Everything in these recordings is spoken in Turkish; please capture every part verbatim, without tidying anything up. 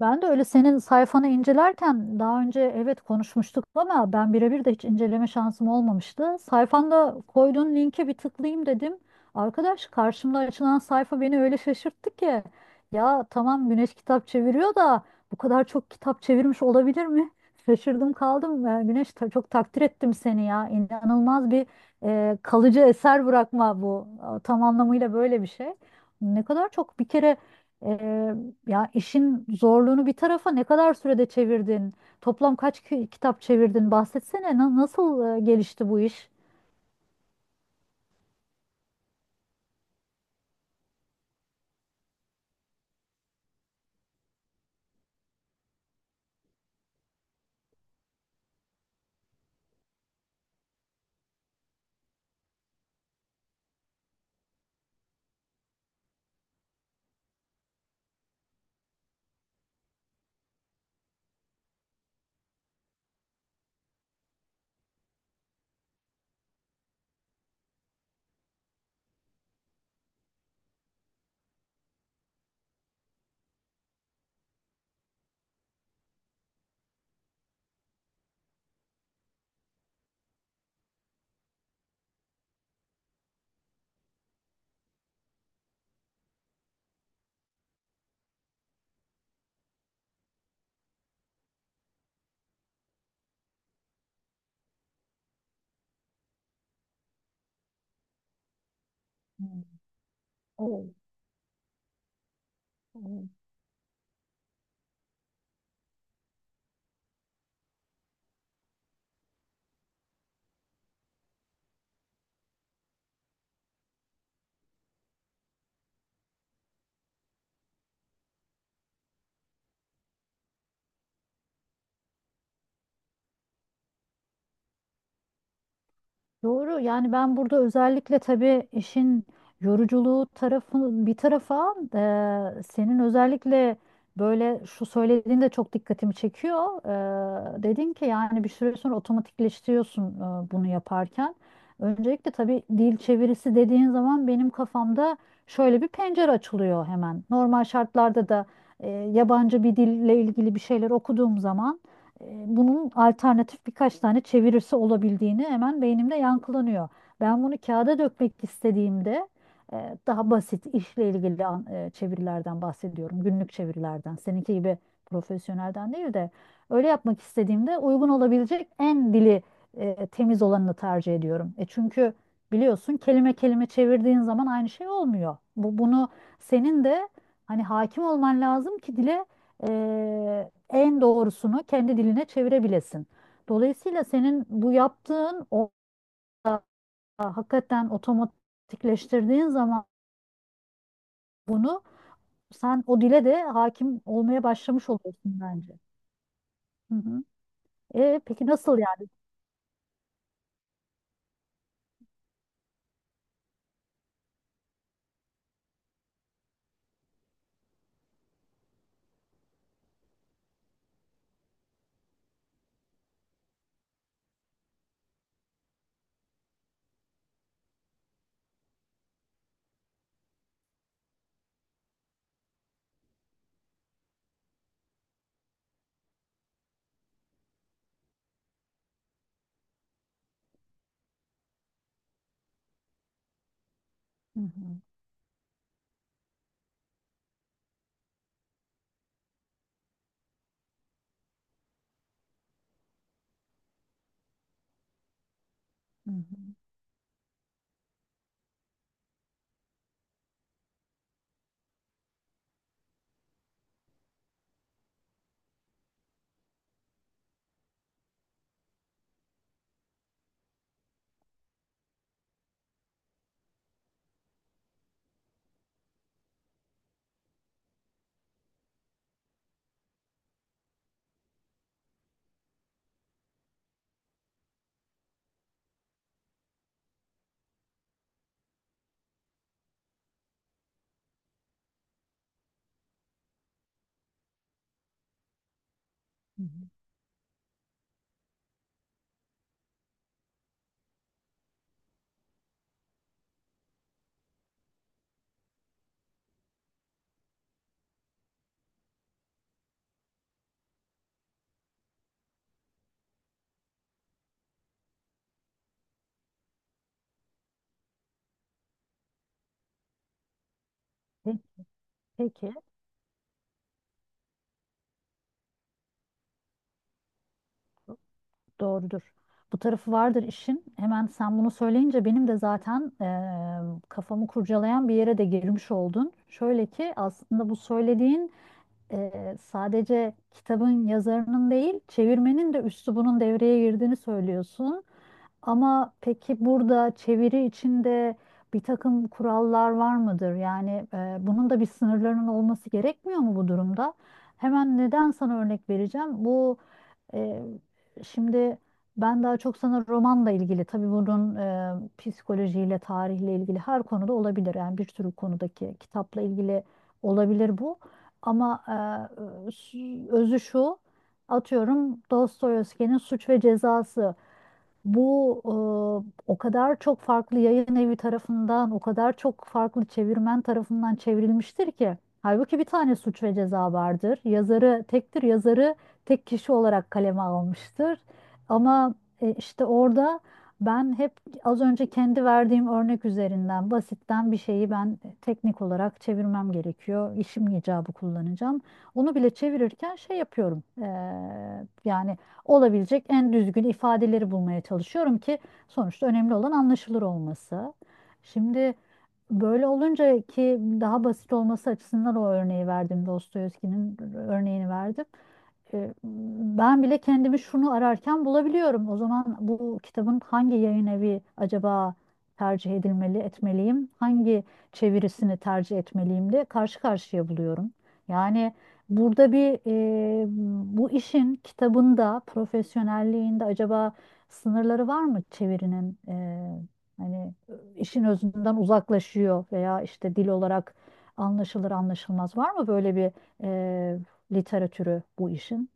Ben de öyle senin sayfanı incelerken daha önce evet konuşmuştuk ama ben birebir de hiç inceleme şansım olmamıştı. Sayfanda koyduğun linke bir tıklayayım dedim. Arkadaş karşımda açılan sayfa beni öyle şaşırttı ki. Ya tamam Güneş kitap çeviriyor da bu kadar çok kitap çevirmiş olabilir mi? Şaşırdım kaldım. Ee, Güneş ta- çok takdir ettim seni ya. İnanılmaz bir e, kalıcı eser bırakma bu. Tam anlamıyla böyle bir şey. Ne kadar çok bir kere. e, Ya işin zorluğunu bir tarafa, ne kadar sürede çevirdin? Toplam kaç ki- kitap çevirdin? Bahsetsene na- nasıl e, gelişti bu iş? Hmm. Evet. Evet. Doğru. Yani ben burada özellikle tabii işin yoruculuğu tarafı bir tarafa, e, senin özellikle böyle şu söylediğin de çok dikkatimi çekiyor. E, dedin ki yani bir süre sonra otomatikleştiriyorsun, e, bunu yaparken. Öncelikle tabii dil çevirisi dediğin zaman benim kafamda şöyle bir pencere açılıyor hemen. Normal şartlarda da e, yabancı bir dille ilgili bir şeyler okuduğum zaman e, bunun alternatif birkaç tane çevirisi olabildiğini hemen beynimde yankılanıyor. Ben bunu kağıda dökmek istediğimde e, daha basit işle ilgili an- e, çevirilerden bahsediyorum. Günlük çevirilerden. Seninki gibi profesyonelden değil de öyle yapmak istediğimde uygun olabilecek en dili e, temiz olanını tercih ediyorum. E çünkü biliyorsun kelime kelime çevirdiğin zaman aynı şey olmuyor. Bu bunu senin de hani hakim olman lazım ki dile, eee, en doğrusunu kendi diline çevirebilesin. Dolayısıyla senin bu yaptığın o hakikaten otomatikleştirdiğin zaman bunu sen o dile de hakim olmaya başlamış oluyorsun bence. Hı hı. E, peki nasıl yani? Hı hı, hı hı, hı hı. Pe- Peki. Doğrudur. Bu tarafı vardır işin. Hemen sen bunu söyleyince benim de zaten, eee, kafamı kurcalayan bir yere de girmiş oldun. Şöyle ki aslında bu söylediğin, eee, sadece kitabın yazarının değil, çevirmenin de üslubunun devreye girdiğini söylüyorsun. Ama peki burada çeviri içinde bir takım kurallar var mıdır? Yani e, bunun da bir sınırlarının olması gerekmiyor mu bu durumda? Hemen neden sana örnek vereceğim? Bu e, Şimdi ben daha çok sana romanla ilgili, tabii bunun e, psikolojiyle, tarihle ilgili her konuda olabilir. Yani bir sürü konudaki kitapla ilgili olabilir bu. Ama e, özü şu, atıyorum Dostoyevski'nin Suç ve Cezası. Bu e, O kadar çok farklı yayın evi tarafından, o kadar çok farklı çevirmen tarafından çevrilmiştir ki. Halbuki bir tane Suç ve Ceza vardır. Yazarı tektir, yazarı tek kişi olarak kaleme almıştır. Ama e, işte orada ben hep az önce kendi verdiğim örnek üzerinden basitten bir şeyi ben teknik olarak çevirmem gerekiyor. İşim icabı kullanacağım. Onu bile çevirirken şey yapıyorum. E, yani olabilecek en düzgün ifadeleri bulmaya çalışıyorum ki sonuçta önemli olan anlaşılır olması. Şimdi böyle olunca ki daha basit olması açısından o örneği verdim. Dostoyevski'nin örneğini verdim. E, Ben bile kendimi şunu ararken bulabiliyorum. O zaman bu kitabın hangi yayın evi acaba tercih edilmeli, etmeliyim? Hangi çevirisini tercih etmeliyim de karşı karşıya buluyorum. Yani burada bir e, bu işin kitabında, profesyonelliğinde acaba sınırları var mı çevirinin? E, hani işin özünden uzaklaşıyor veya işte dil olarak anlaşılır anlaşılmaz var mı böyle bir e, literatürü bu işin?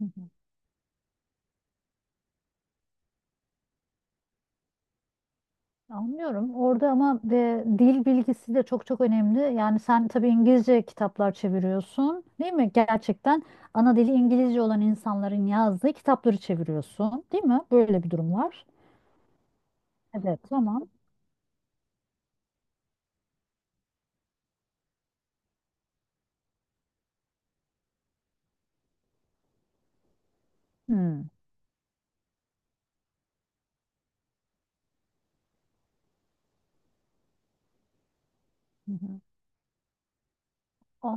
Anlıyorum. Orada ama e, dil bilgisi de çok çok önemli. Yani sen tabii İngilizce kitaplar çeviriyorsun, değil mi? Gerçekten ana dili İngilizce olan insanların yazdığı kitapları çeviriyorsun, değil mi? Böyle bir durum var. Evet, tamam. Hmm. Hı hı.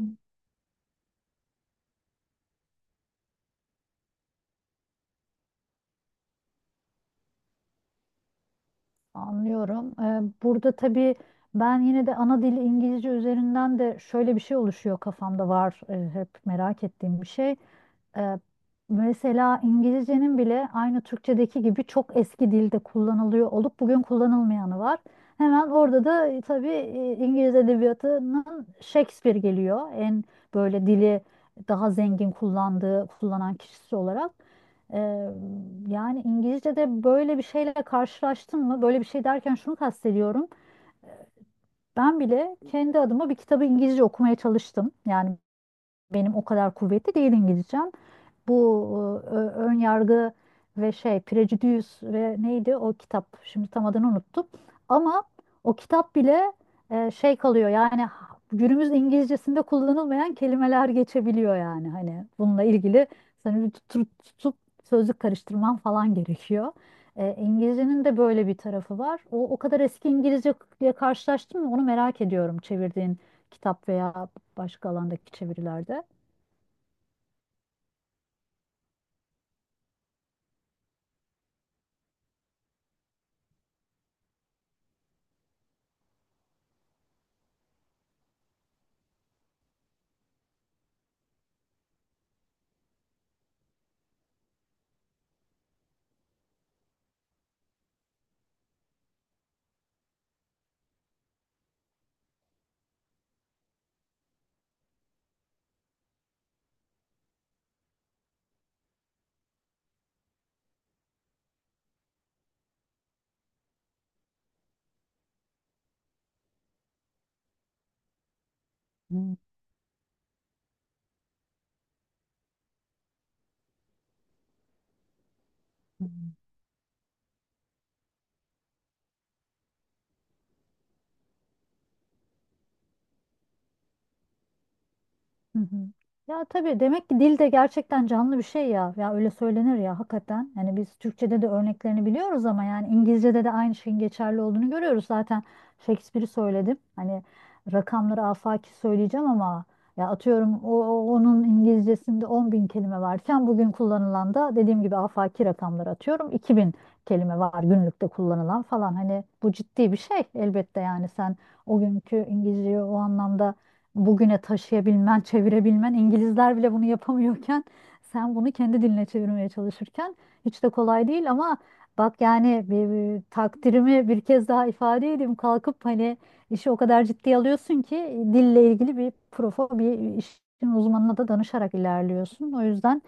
Anlıyorum. Ee, burada tabii ben yine de ana dili İngilizce üzerinden de şöyle bir şey oluşuyor kafamda var, e, hep merak ettiğim bir şey. Ee, Mesela İngilizcenin bile aynı Türkçedeki gibi çok eski dilde kullanılıyor olup bugün kullanılmayanı var. Hemen orada da e, tabii e, İngiliz edebiyatının Shakespeare geliyor. En böyle dili daha zengin kullandığı, kullanan kişisi olarak. Ee, Yani İngilizce'de böyle bir şeyle karşılaştın mı? Böyle bir şey derken şunu kastediyorum. Ben bile kendi adıma bir kitabı İngilizce okumaya çalıştım. Yani benim o kadar kuvvetli değil İngilizcem. Bu e, ö- ön yargı ve şey Prejudüs ve neydi o kitap? Şimdi tam adını unuttum. Ama o kitap bile e, şey kalıyor yani ha- günümüz İngilizcesinde kullanılmayan kelimeler geçebiliyor yani hani bununla ilgili seni bir tutup, tutup sözlük karıştırman falan gerekiyor. E, İngilizcenin de böyle bir tarafı var. O, o kadar eski İngilizceyle karşılaştın mı? Onu merak ediyorum çevirdiğin kitap veya başka alandaki çevirilerde. Hmm. Hı hı. Ya tabii demek ki dil de gerçekten canlı bir şey ya. Ya öyle söylenir ya hakikaten. Yani biz Türkçe'de de örneklerini biliyoruz ama yani İngilizce'de de aynı şeyin geçerli olduğunu görüyoruz. Zaten Shakespeare'i söyledim. Hani rakamları afaki söyleyeceğim ama ya atıyorum o, o- onun İngilizcesinde 10 bin kelime varken bugün kullanılan da dediğim gibi afaki rakamları atıyorum iki bin kelime var günlükte kullanılan falan. Hani bu ciddi bir şey elbette yani sen o günkü İngilizceyi o anlamda bugüne taşıyabilmen, çevirebilmen, İngilizler bile bunu yapamıyorken sen bunu kendi diline çevirmeye çalışırken hiç de kolay değil ama bak yani bir, bir takdirimi bir kez daha ifade edeyim. Kalkıp hani işi o kadar ciddiye alıyorsun ki dille ilgili bir profo, bir işin uzmanına da danışarak ilerliyorsun. O yüzden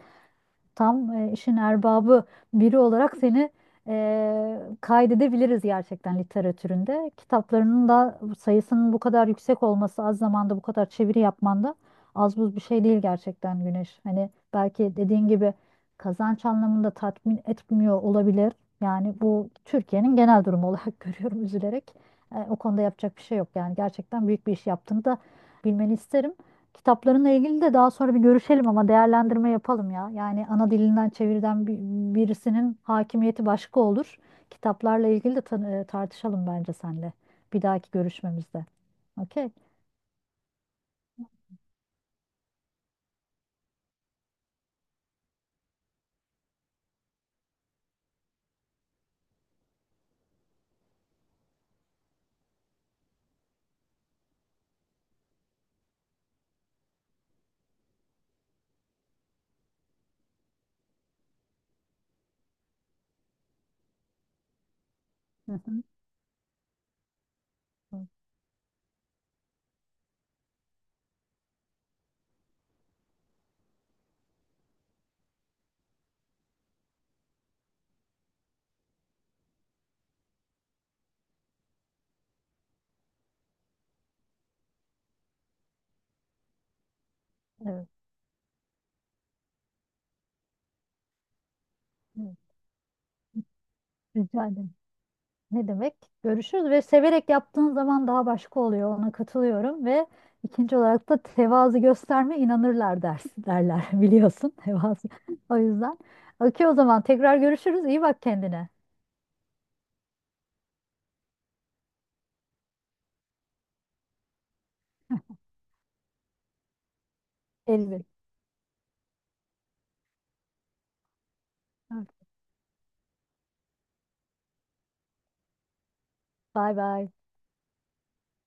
tam, e, işin erbabı biri olarak seni, e, kaydedebiliriz gerçekten literatüründe. Kitaplarının da sayısının bu kadar yüksek olması, az zamanda bu kadar çeviri yapman da az buz bir şey değil gerçekten Güneş. Hani belki dediğin gibi kazanç anlamında tatmin etmiyor olabilir. Yani bu Türkiye'nin genel durumu olarak görüyorum üzülerek. E, o konuda yapacak bir şey yok. Yani gerçekten büyük bir iş yaptığını da bilmeni isterim. Kitaplarınla ilgili de daha sonra bir görüşelim ama değerlendirme yapalım ya. Yani ana dilinden çevirden bir- birisinin hakimiyeti başka olur. Kitaplarla ilgili de tan- e, tartışalım bence seninle bir dahaki görüşmemizde. Okey. Hı hı. Evet. Evet. Rica ederim. Ne demek? Görüşürüz ve severek yaptığın zaman daha başka oluyor. Ona katılıyorum ve ikinci olarak da tevazu gösterme inanırlar dersi derler biliyorsun tevazu. O yüzden. Okey o zaman tekrar görüşürüz. İyi bak kendine. Elvin. Evet. Bay bay.